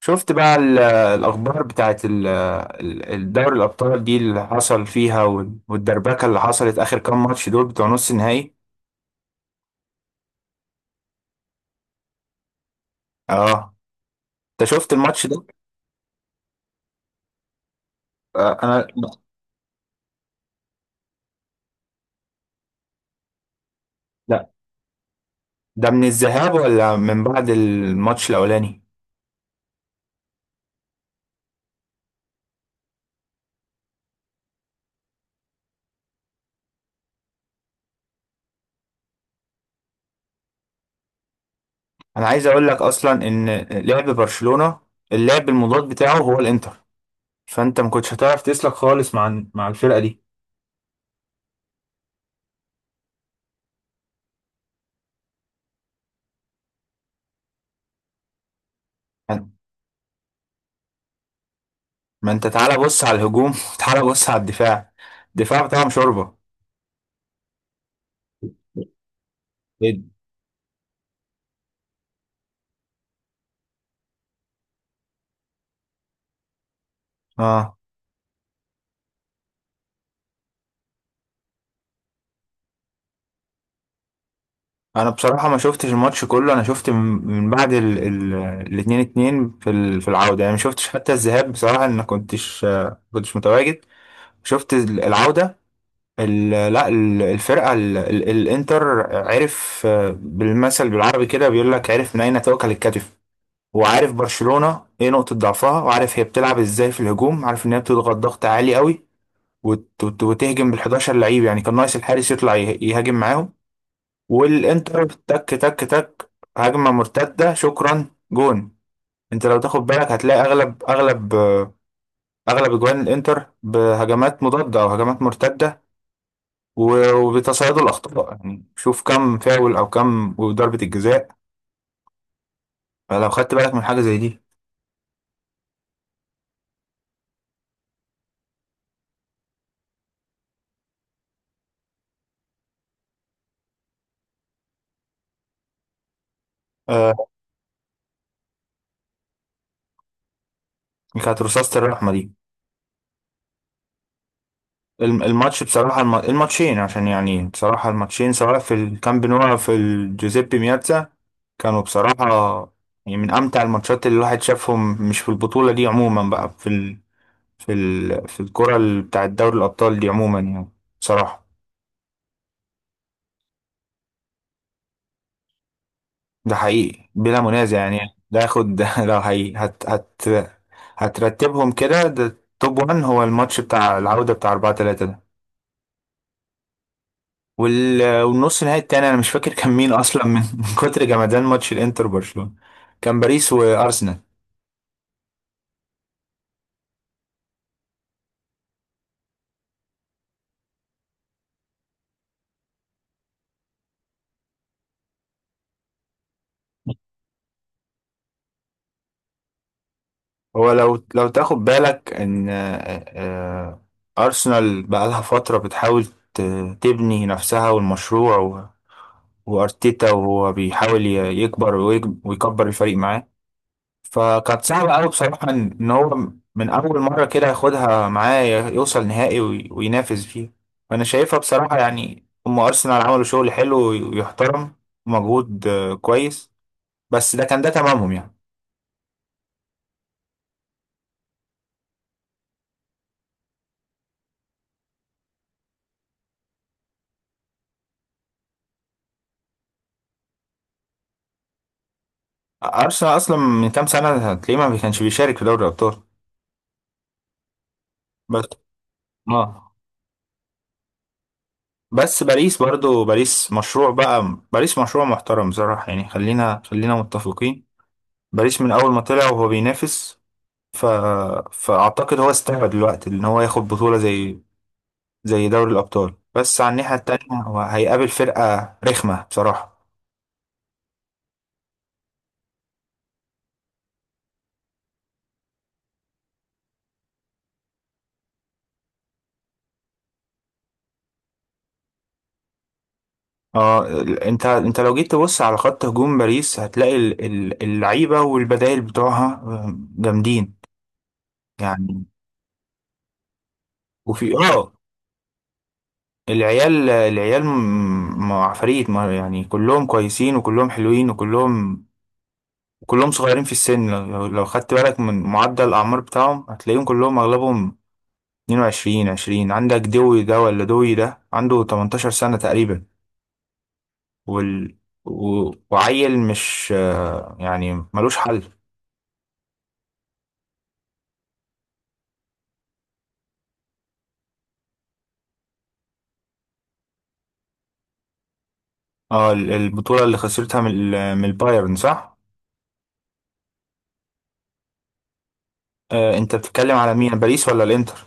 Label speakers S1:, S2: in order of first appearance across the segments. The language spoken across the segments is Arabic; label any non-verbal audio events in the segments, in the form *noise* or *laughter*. S1: شفت بقى الأخبار بتاعت الدوري الأبطال دي اللي حصل فيها والدربكة اللي حصلت آخر كام ماتش دول بتوع نص النهائي. اه، انت شفت الماتش ده؟ آه انا. لا، ده من الذهاب ولا من بعد الماتش الأولاني؟ انا عايز اقول لك اصلا ان لعب برشلونة، اللعب المضاد بتاعه هو الانتر. فانت ما كنتش هتعرف تسلك خالص مع الفرقة دي. ما انت تعالى بص على الهجوم *laughs* وتعالى بص على الدفاع. الدفاع بتاعهم شوربة. إيه؟ ده؟ اه، انا بصراحه ما شفتش الماتش كله. انا شفت من من بعد ال ال الاتنين اتنين في في العوده، يعني ما شفتش حتى الذهاب بصراحه. انا كنتش كنتش متواجد. شفت العوده. ال لا ال- الفرقه ال ال الانتر عرف. بالمثل بالعربي كده بيقول لك: عرف من اين تؤكل الكتف. وعارف برشلونه ايه نقطه ضعفها، وعارف هي بتلعب ازاي في الهجوم، عارف ان هي بتضغط ضغط عالي قوي، وتهجم بال11 لعيب. يعني كان ناقص الحارس يطلع يهاجم معاهم. والانتر تك تك تك، هجمة مرتدة شكرا جون. انت لو تاخد بالك هتلاقي اغلب اغلب اغلب اجوان الانتر بهجمات مضادة او هجمات مرتدة، وبتصيد الاخطاء. يعني شوف كم فاول او كم ضربة الجزاء لو خدت بالك من حاجة زي دي. آه، كانت رصاصة الرحمة دي. الماتش بصراحة، الماتشين عشان يعني بصراحة الماتشين سواء في الكامب نو أو في الجوزيبي مياتزا، كانوا بصراحة يعني من أمتع الماتشات اللي الواحد شافهم. مش في البطولة دي عموما بقى، في في الكرة بتاع دوري الأبطال دي عموما يعني. بصراحة ده حقيقي بلا منازع يعني. ده ياخد *laughs* ده لو حقيقي هترتبهم كده، ده توب 1 هو الماتش بتاع العودة بتاع 4-3 ده. والنص نهائي التاني أنا مش فاكر كان مين أصلا من *laughs* من كتر جمدان ماتش الإنتر برشلونة. كان باريس وأرسنال. هو لو تاخد بالك ان آه، ارسنال بقالها فتره بتحاول ت- تبني نفسها والمشروع، وارتيتا وهو بيحاول يكبر ويكبر الفريق معاه. فكانت صعبه قوي بصراحه ان هو من اول مره كده ياخدها معاه يوصل نهائي وينافس فيه. فانا شايفها بصراحه، يعني هم ارسنال عملوا شغل حلو ويحترم ومجهود كويس. بس ده كان ده تمامهم يعني. أرسنال أصلا من كام سنة هتلاقيه ما كانش بيشارك في دوري الأبطال. بس اه. بس باريس برضو، باريس مشروع بقى. باريس مشروع محترم بصراحة يعني. خلينا خلينا متفقين، باريس من أول ما طلع وهو بينافس. ف... فأعتقد هو استوعب دلوقتي إن هو ياخد بطولة زي دوري الأبطال، بس على الناحية التانية هو هيقابل فرقة رخمة بصراحة. اه، انت لو جيت تبص على خط هجوم باريس هتلاقي اللعيبة والبدائل بتوعها جامدين يعني. وفي اه. العيال العيال عفاريت، يعني كلهم كويسين وكلهم حلوين وكللهم كلهم صغيرين في السن. لو خدت بالك من معدل الأعمار بتاعهم هتلاقيهم كلهم أغلبهم 22 20. عندك دوي ده ولا دوي ده عنده 18 سنة تقريبا. وال... وعيل مش يعني ملوش حل. اه، البطولة اللي خسرتها من من البايرن صح؟ انت بتتكلم على مين، باريس ولا الانتر؟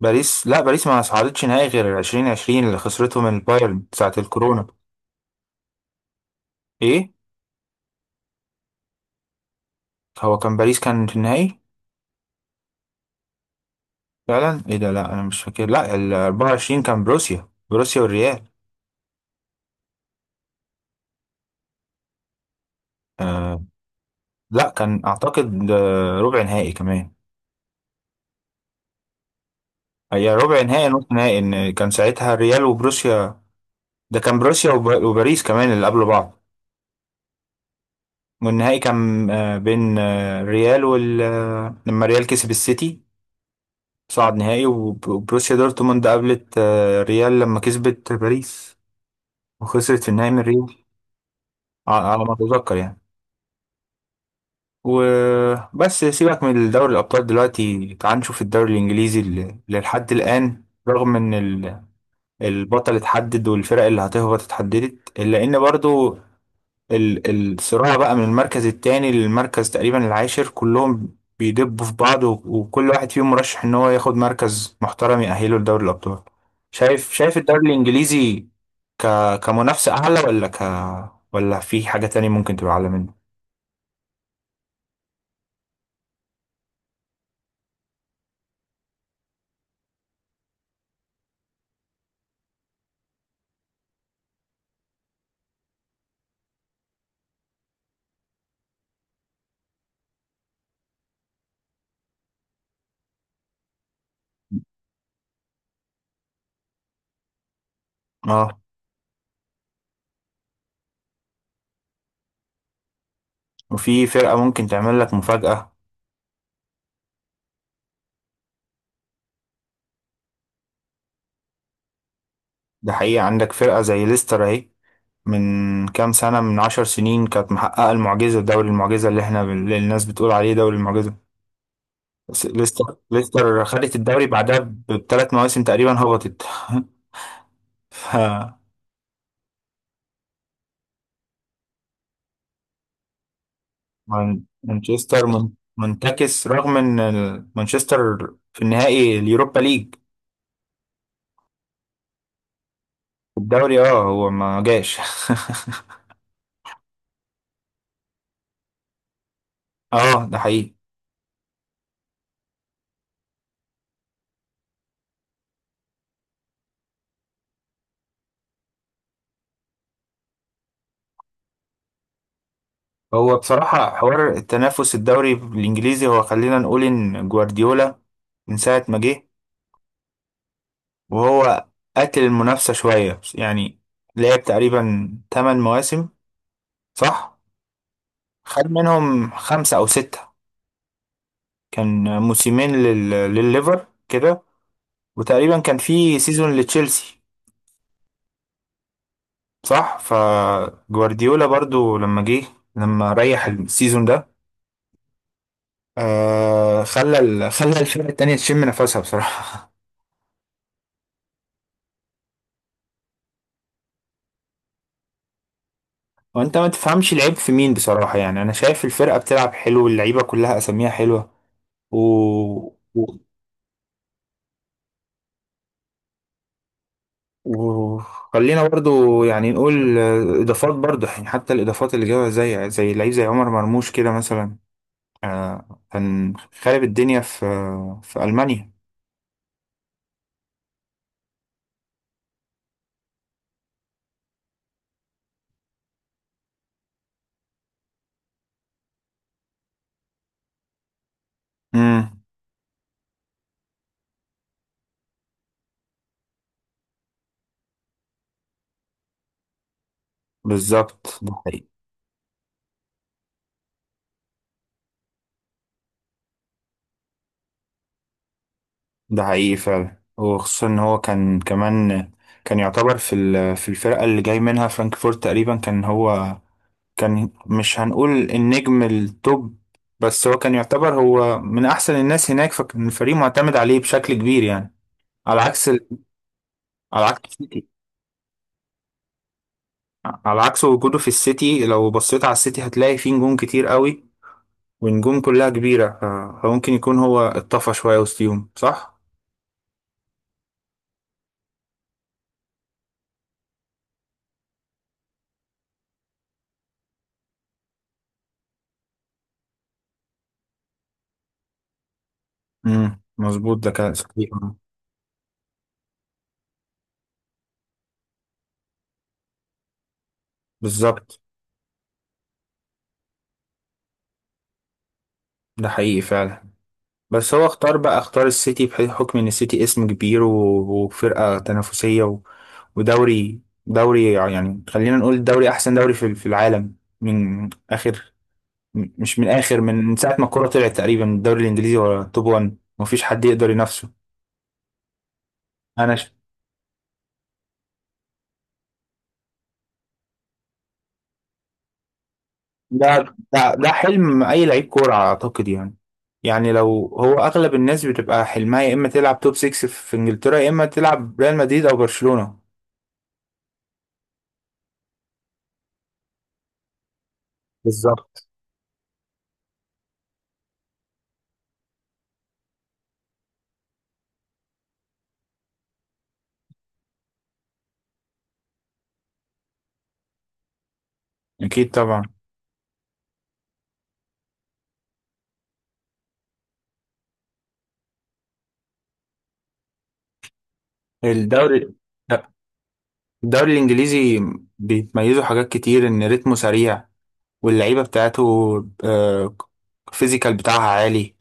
S1: باريس، لا باريس ما صعدتش نهائي غير 2020 اللي خسرته من بايرن ساعة الكورونا. ايه. هو كان باريس كان في النهائي. فعلا، ايه ده؟ لا انا مش فاكر. لا، ال 24 كان بروسيا، بروسيا والريال. آه لا، كان اعتقد ربع نهائي كمان. هي ربع نهائي نص نهائي، ان كان ساعتها الريال وبروسيا. ده كان بروسيا وباريس كمان اللي قبل بعض. والنهائي كان بين الريال وال آه، لما الريال كسب السيتي صعد نهائي، وبروسيا دورتموند قابلت ريال لما كسبت باريس، وخسرت في النهائي من ريال، على ما اتذكر يعني. وبس سيبك من دوري الابطال دلوقتي، تعال نشوف الدوري الانجليزي اللي لحد الان رغم ان البطل اتحدد والفرق اللي هتهبط اتحددت، الا ان برضو الصراع بقى من المركز التاني للمركز تقريبا العاشر، كلهم بيدبوا في بعض، وكل واحد فيهم مرشح ان هو ياخد مركز محترم يأهله لدوري الأبطال. شايف الدوري الإنجليزي ك كمنافسة أعلى، ولا في حاجة تانية ممكن تبقى أعلى منه؟ اه. وفي فرقة ممكن تعمل لك مفاجأة. ده حقيقة عندك فرقة زي ليستر اهي، من كام سنة، من 10 سنين كانت محققة المعجزة، دوري المعجزة اللي احنا، اللي الناس بتقول عليه دوري المعجزة. بس ليستر، ليستر خدت الدوري بعدها ب3 مواسم تقريبا هبطت *laughs* ف مانشستر منتكس رغم ان مانشستر في النهائي اليوروبا ليج. الدوري اه هو ما جاش *laughs* اه ده حقيقي. هو بصراحة حوار التنافس الدوري الانجليزي هو، خلينا نقول ان جوارديولا من ساعة ما جه وهو قتل المنافسة شوية يعني. لعب تقريبا 8 مواسم صح؟ خد منهم خمسة أو ستة. كان موسمين للليفر كده، وتقريبا كان في سيزون لتشيلسي صح. فجوارديولا برضو لما جه، لما ريح السيزون ده، آه خلى خلى الفرقة التانية تشم نفسها بصراحة. *laughs* وانت ما تفهمش العيب في مين بصراحة. يعني انا شايف الفرقة بتلعب حلو، اللعيبة كلها اساميها حلوة و... و... وخلينا برضو يعني نقول اضافات. برضو يعني حتى الاضافات اللي جابها زي لعيب زي عمر مرموش كده مثلا، كان خارب الدنيا في ألمانيا. امم بالظبط ده حقيقي. ده حقيقي فعلا. وخصوصا ان هو كان كمان، كان يعتبر في في الفرقة اللي جاي منها فرانكفورت تقريبا. كان هو كان مش هنقول النجم التوب، بس هو كان يعتبر هو من احسن الناس هناك، فكان الفريق معتمد عليه بشكل كبير يعني. على عكس على عكس السيتي. على عكس وجوده في السيتي، لو بصيت على السيتي هتلاقي فيه نجوم كتير قوي، ونجوم كلها كبيرة. فممكن يكون هو اتطفى شوية وسطيهم صح؟ مظبوط ده كان صحيح. بالظبط ده حقيقي فعلا. بس هو اختار بقى، اختار السيتي بحكم ان السيتي اسم كبير وفرقة تنافسية ودوري، يعني خلينا نقول دوري احسن دوري في العالم. من اخر، مش من اخر، من من ساعة ما الكورة طلعت تقريبا الدوري الانجليزي هو توب 1 مفيش حد يقدر ينافسه. انا، ده حلم اي لعيب كوره اعتقد يعني. يعني لو، هو اغلب الناس بتبقى حلمها يا اما تلعب توب 6 في انجلترا، يا اما تلعب ريال مدريد او برشلونه. بالظبط. اكيد طبعا. الدوري الدوري الانجليزي بيتميزوا حاجات كتير: ان رتمه سريع واللعيبه بتاعته آه، الفيزيكال بتاعها عالي.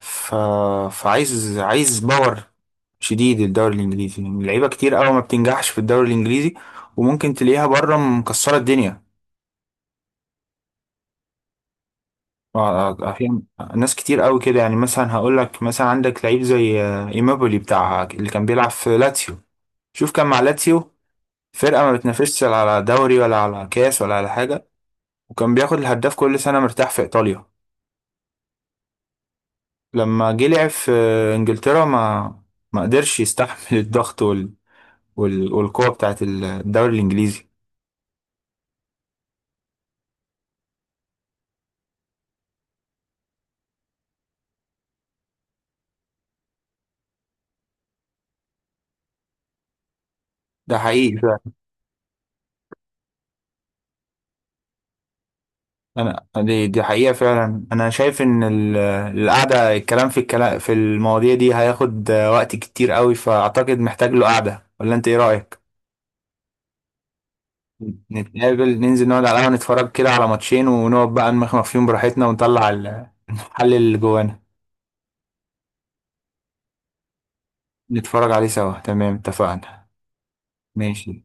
S1: ف... فعايز، باور شديد الدوري الانجليزي. يعني لعيبه كتير قوي ما بتنجحش في الدوري الانجليزي، وممكن تلاقيها بره مكسره الدنيا. أحيانا ناس كتير قوي كده. يعني مثلا هقول لك، مثلا عندك لعيب زي إيمابولي بتاع اللي كان بيلعب في لاتسيو. شوف كان مع لاتسيو، فرقة ما بتنافسش لا على دوري ولا على كاس ولا على حاجة، وكان بياخد الهداف كل سنة مرتاح في إيطاليا. لما جه لعب في إنجلترا ما قدرش يستحمل الضغط والقوة بتاعت الدوري الإنجليزي. ده حقيقي. انا، دي حقيقة فعلا. انا شايف ان القعدة، الكلام في المواضيع دي هياخد وقت كتير قوي، فاعتقد محتاج له قعدة ولا انت ايه رأيك؟ نتقابل ننزل نقعد على القهوة، نتفرج كده على ماتشين ونقعد بقى نمخمخ فيهم براحتنا ونطلع. المحل اللي جوانا نتفرج عليه سوا. تمام اتفقنا. ماشي.